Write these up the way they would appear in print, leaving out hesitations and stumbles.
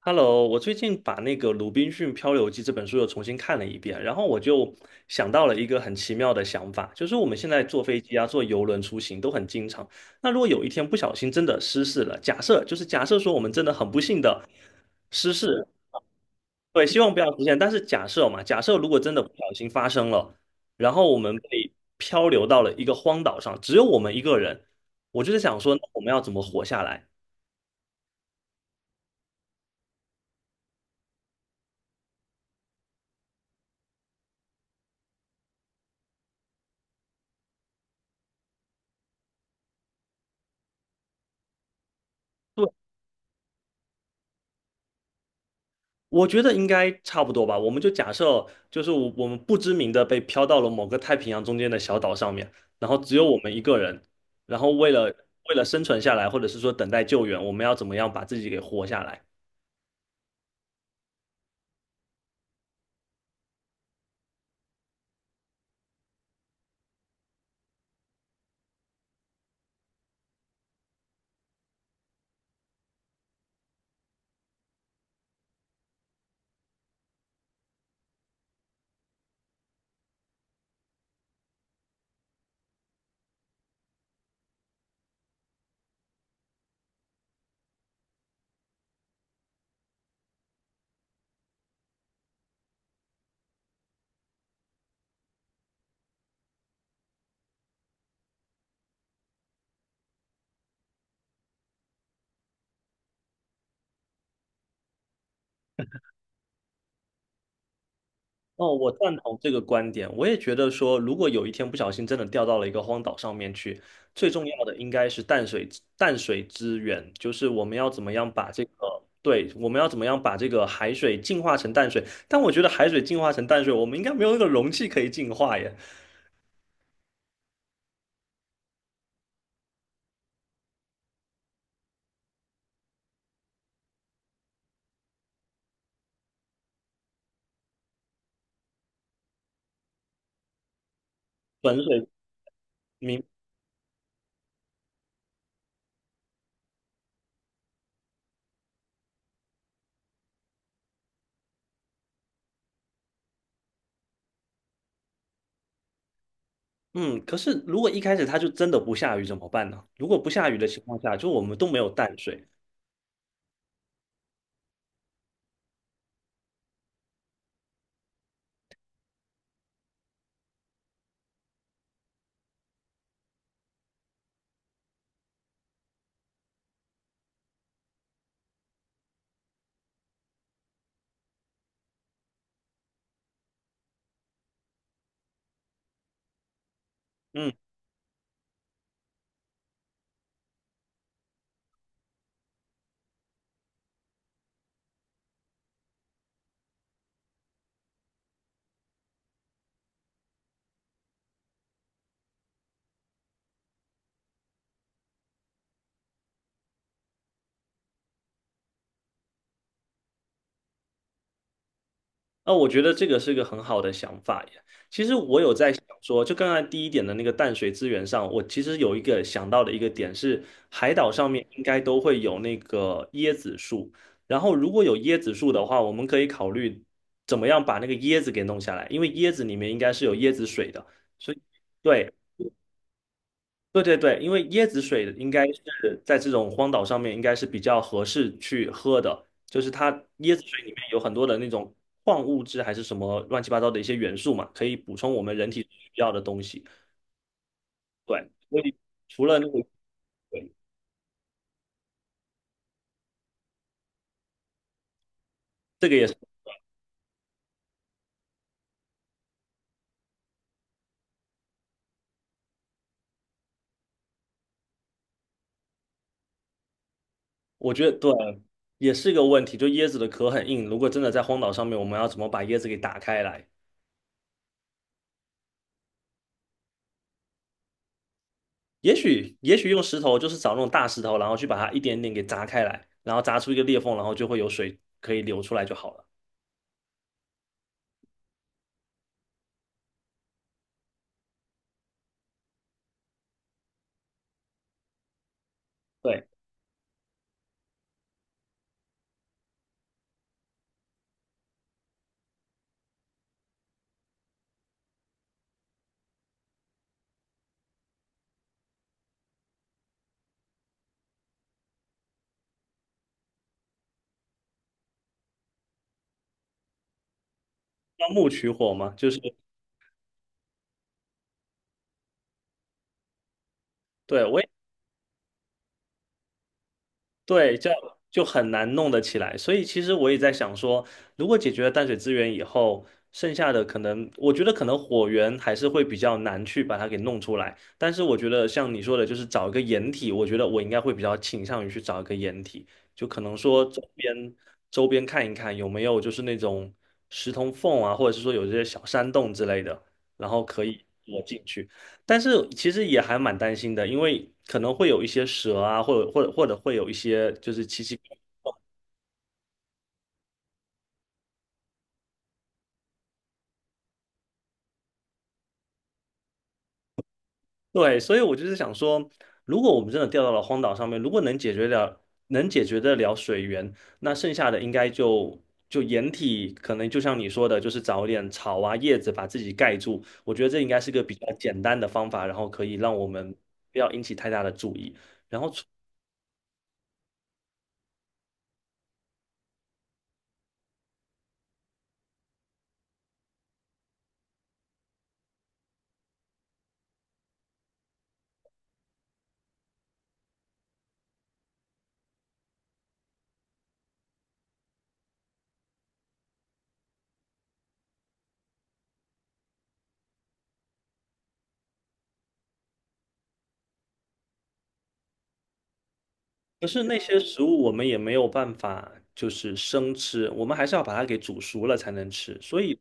Hello，我最近把那个《鲁滨逊漂流记》这本书又重新看了一遍，然后我就想到了一个很奇妙的想法，就是我们现在坐飞机啊、坐游轮出行都很经常。那如果有一天不小心真的失事了，假设说我们真的很不幸的失事，对，希望不要出现。但是假设嘛，假设如果真的不小心发生了，然后我们被漂流到了一个荒岛上，只有我们一个人，我就是想说，那我们要怎么活下来？我觉得应该差不多吧。我们就假设，就是我们不知名的被飘到了某个太平洋中间的小岛上面，然后只有我们一个人，然后为了生存下来，或者是说等待救援，我们要怎么样把自己给活下来？哦，我赞同这个观点。我也觉得说，如果有一天不小心真的掉到了一个荒岛上面去，最重要的应该是淡水资源，就是我们要怎么样把这个，对，我们要怎么样把这个海水净化成淡水。但我觉得海水净化成淡水，我们应该没有那个容器可以净化耶。本水明，嗯，可是如果一开始它就真的不下雨怎么办呢？如果不下雨的情况下，就我们都没有淡水。嗯。那我觉得这个是个很好的想法耶。其实我有在想说，就刚才第一点的那个淡水资源上，我其实有一个想到的一个点是，海岛上面应该都会有那个椰子树，然后如果有椰子树的话，我们可以考虑怎么样把那个椰子给弄下来，因为椰子里面应该是有椰子水的，所以对，对对对，因为椰子水应该是在这种荒岛上面应该是比较合适去喝的，就是它椰子水里面有很多的那种矿物质还是什么乱七八糟的一些元素嘛，可以补充我们人体需要的东西。对，所以除了那个，对，这个也是，我觉得对，也是一个问题，就椰子的壳很硬，如果真的在荒岛上面，我们要怎么把椰子给打开来？也许用石头，就是找那种大石头，然后去把它一点点给砸开来，然后砸出一个裂缝，然后就会有水可以流出来就好了。对。钻木取火嘛，就是对我也对，这样就很难弄得起来。所以其实我也在想说，如果解决了淡水资源以后，剩下的可能，我觉得可能火源还是会比较难去把它给弄出来。但是我觉得像你说的，就是找一个掩体，我觉得我应该会比较倾向于去找一个掩体，就可能说周边看一看有没有就是那种石头缝啊，或者是说有这些小山洞之类的，然后可以躲进去。但是其实也还蛮担心的，因为可能会有一些蛇啊，或者会有一些就是奇奇，对，所以我就是想说，如果我们真的掉到了荒岛上面，如果能解决得了水源，那剩下的应该就掩体，可能就像你说的，就是找一点草啊叶子把自己盖住，我觉得这应该是个比较简单的方法，然后可以让我们不要引起太大的注意。可是那些食物我们也没有办法，就是生吃，我们还是要把它给煮熟了才能吃，所以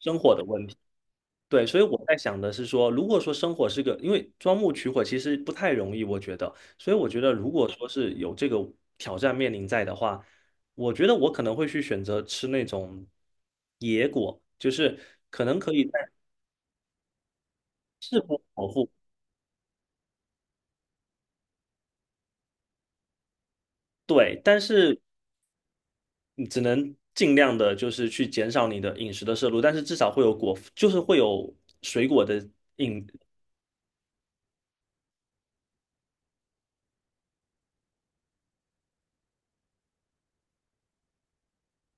生火的问题。对，所以我在想的是说，如果说生火是个，因为钻木取火其实不太容易，我觉得，所以我觉得如果说是有这个挑战面临在的话，我觉得我可能会去选择吃那种野果，就是可能可以在适合保护，对，但是你只能尽量的，就是去减少你的饮食的摄入，但是至少会有果，就是会有水果的饮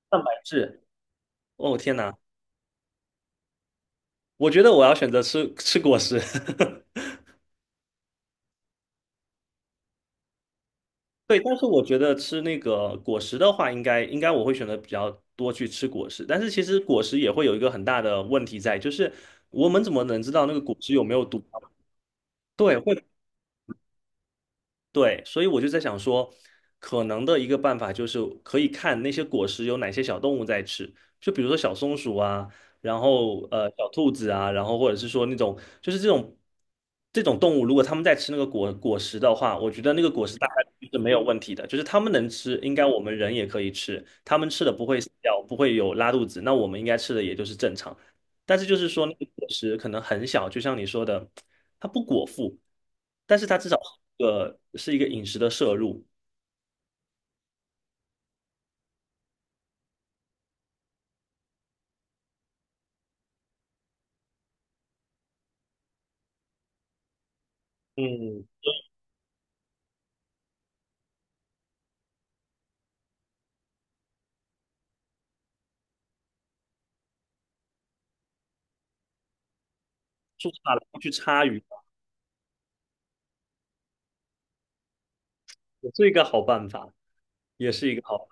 蛋白质。哦，天哪，我觉得我要选择吃果实。对，但是我觉得吃那个果实的话，应该我会选择比较多去吃果实。但是其实果实也会有一个很大的问题在，就是我们怎么能知道那个果实有没有毒？对，会对，所以我就在想说，可能的一个办法就是可以看那些果实有哪些小动物在吃，就比如说小松鼠啊，然后小兔子啊，然后或者是说那种就是这种动物，如果它们在吃那个果实的话，我觉得那个果实大概率是没有问题的，就是它们能吃，应该我们人也可以吃，它们吃的不会死掉，不会有拉肚子，那我们应该吃的也就是正常。但是就是说那个果实可能很小，就像你说的，它不果腹，但是它至少是一个饮食的摄入。嗯，做大了不去插鱼，也是一个好办法，也是一个好。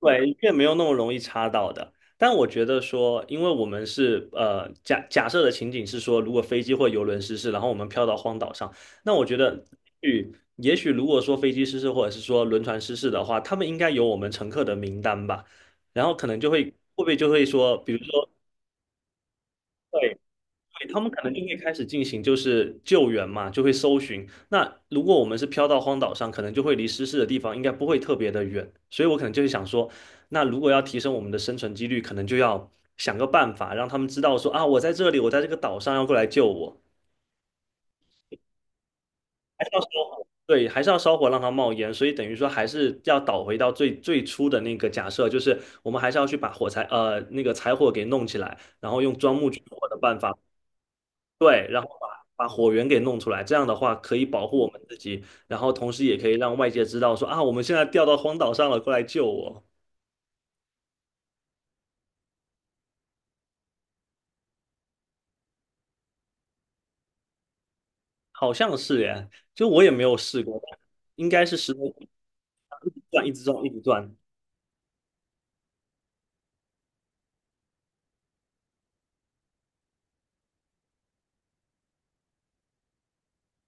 对，越没有那么容易插到的。但我觉得说，因为我们是假设的情景是说，如果飞机或游轮失事，然后我们飘到荒岛上，那我觉得，也也许如果说飞机失事或者是说轮船失事的话，他们应该有我们乘客的名单吧，然后可能就会会不会就会说，比如说。对。对，他们可能就会开始进行就是救援嘛，就会搜寻。那如果我们是飘到荒岛上，可能就会离失事的地方应该不会特别的远，所以我可能就是想说，那如果要提升我们的生存几率，可能就要想个办法，让他们知道说啊，我在这里，我在这个岛上，要过来救我，还是要烧火，对，还是要烧火让它冒烟，所以等于说还是要倒回到最最初的那个假设，就是我们还是要去把火柴那个柴火给弄起来，然后用钻木取火的办法。对，然后把火源给弄出来，这样的话可以保护我们自己，然后同时也可以让外界知道说啊，我们现在掉到荒岛上了，过来救我。好像是耶，就我也没有试过，应该是石头一直转，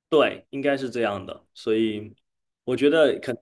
对，应该是这样的。所以我觉得可能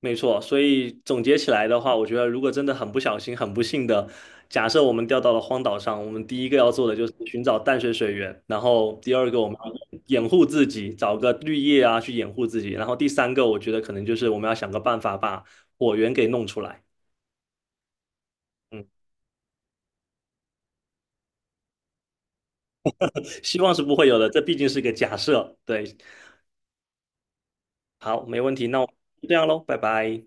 没错，所以总结起来的话，我觉得如果真的很不小心、很不幸的，假设我们掉到了荒岛上，我们第一个要做的就是寻找淡水水源，然后第二个我们要掩护自己，找个绿叶啊去掩护自己，然后第三个我觉得可能就是我们要想个办法把火源给弄出来。嗯，希望是不会有的，这毕竟是个假设。对，好，没问题，那我就这样喽，拜拜。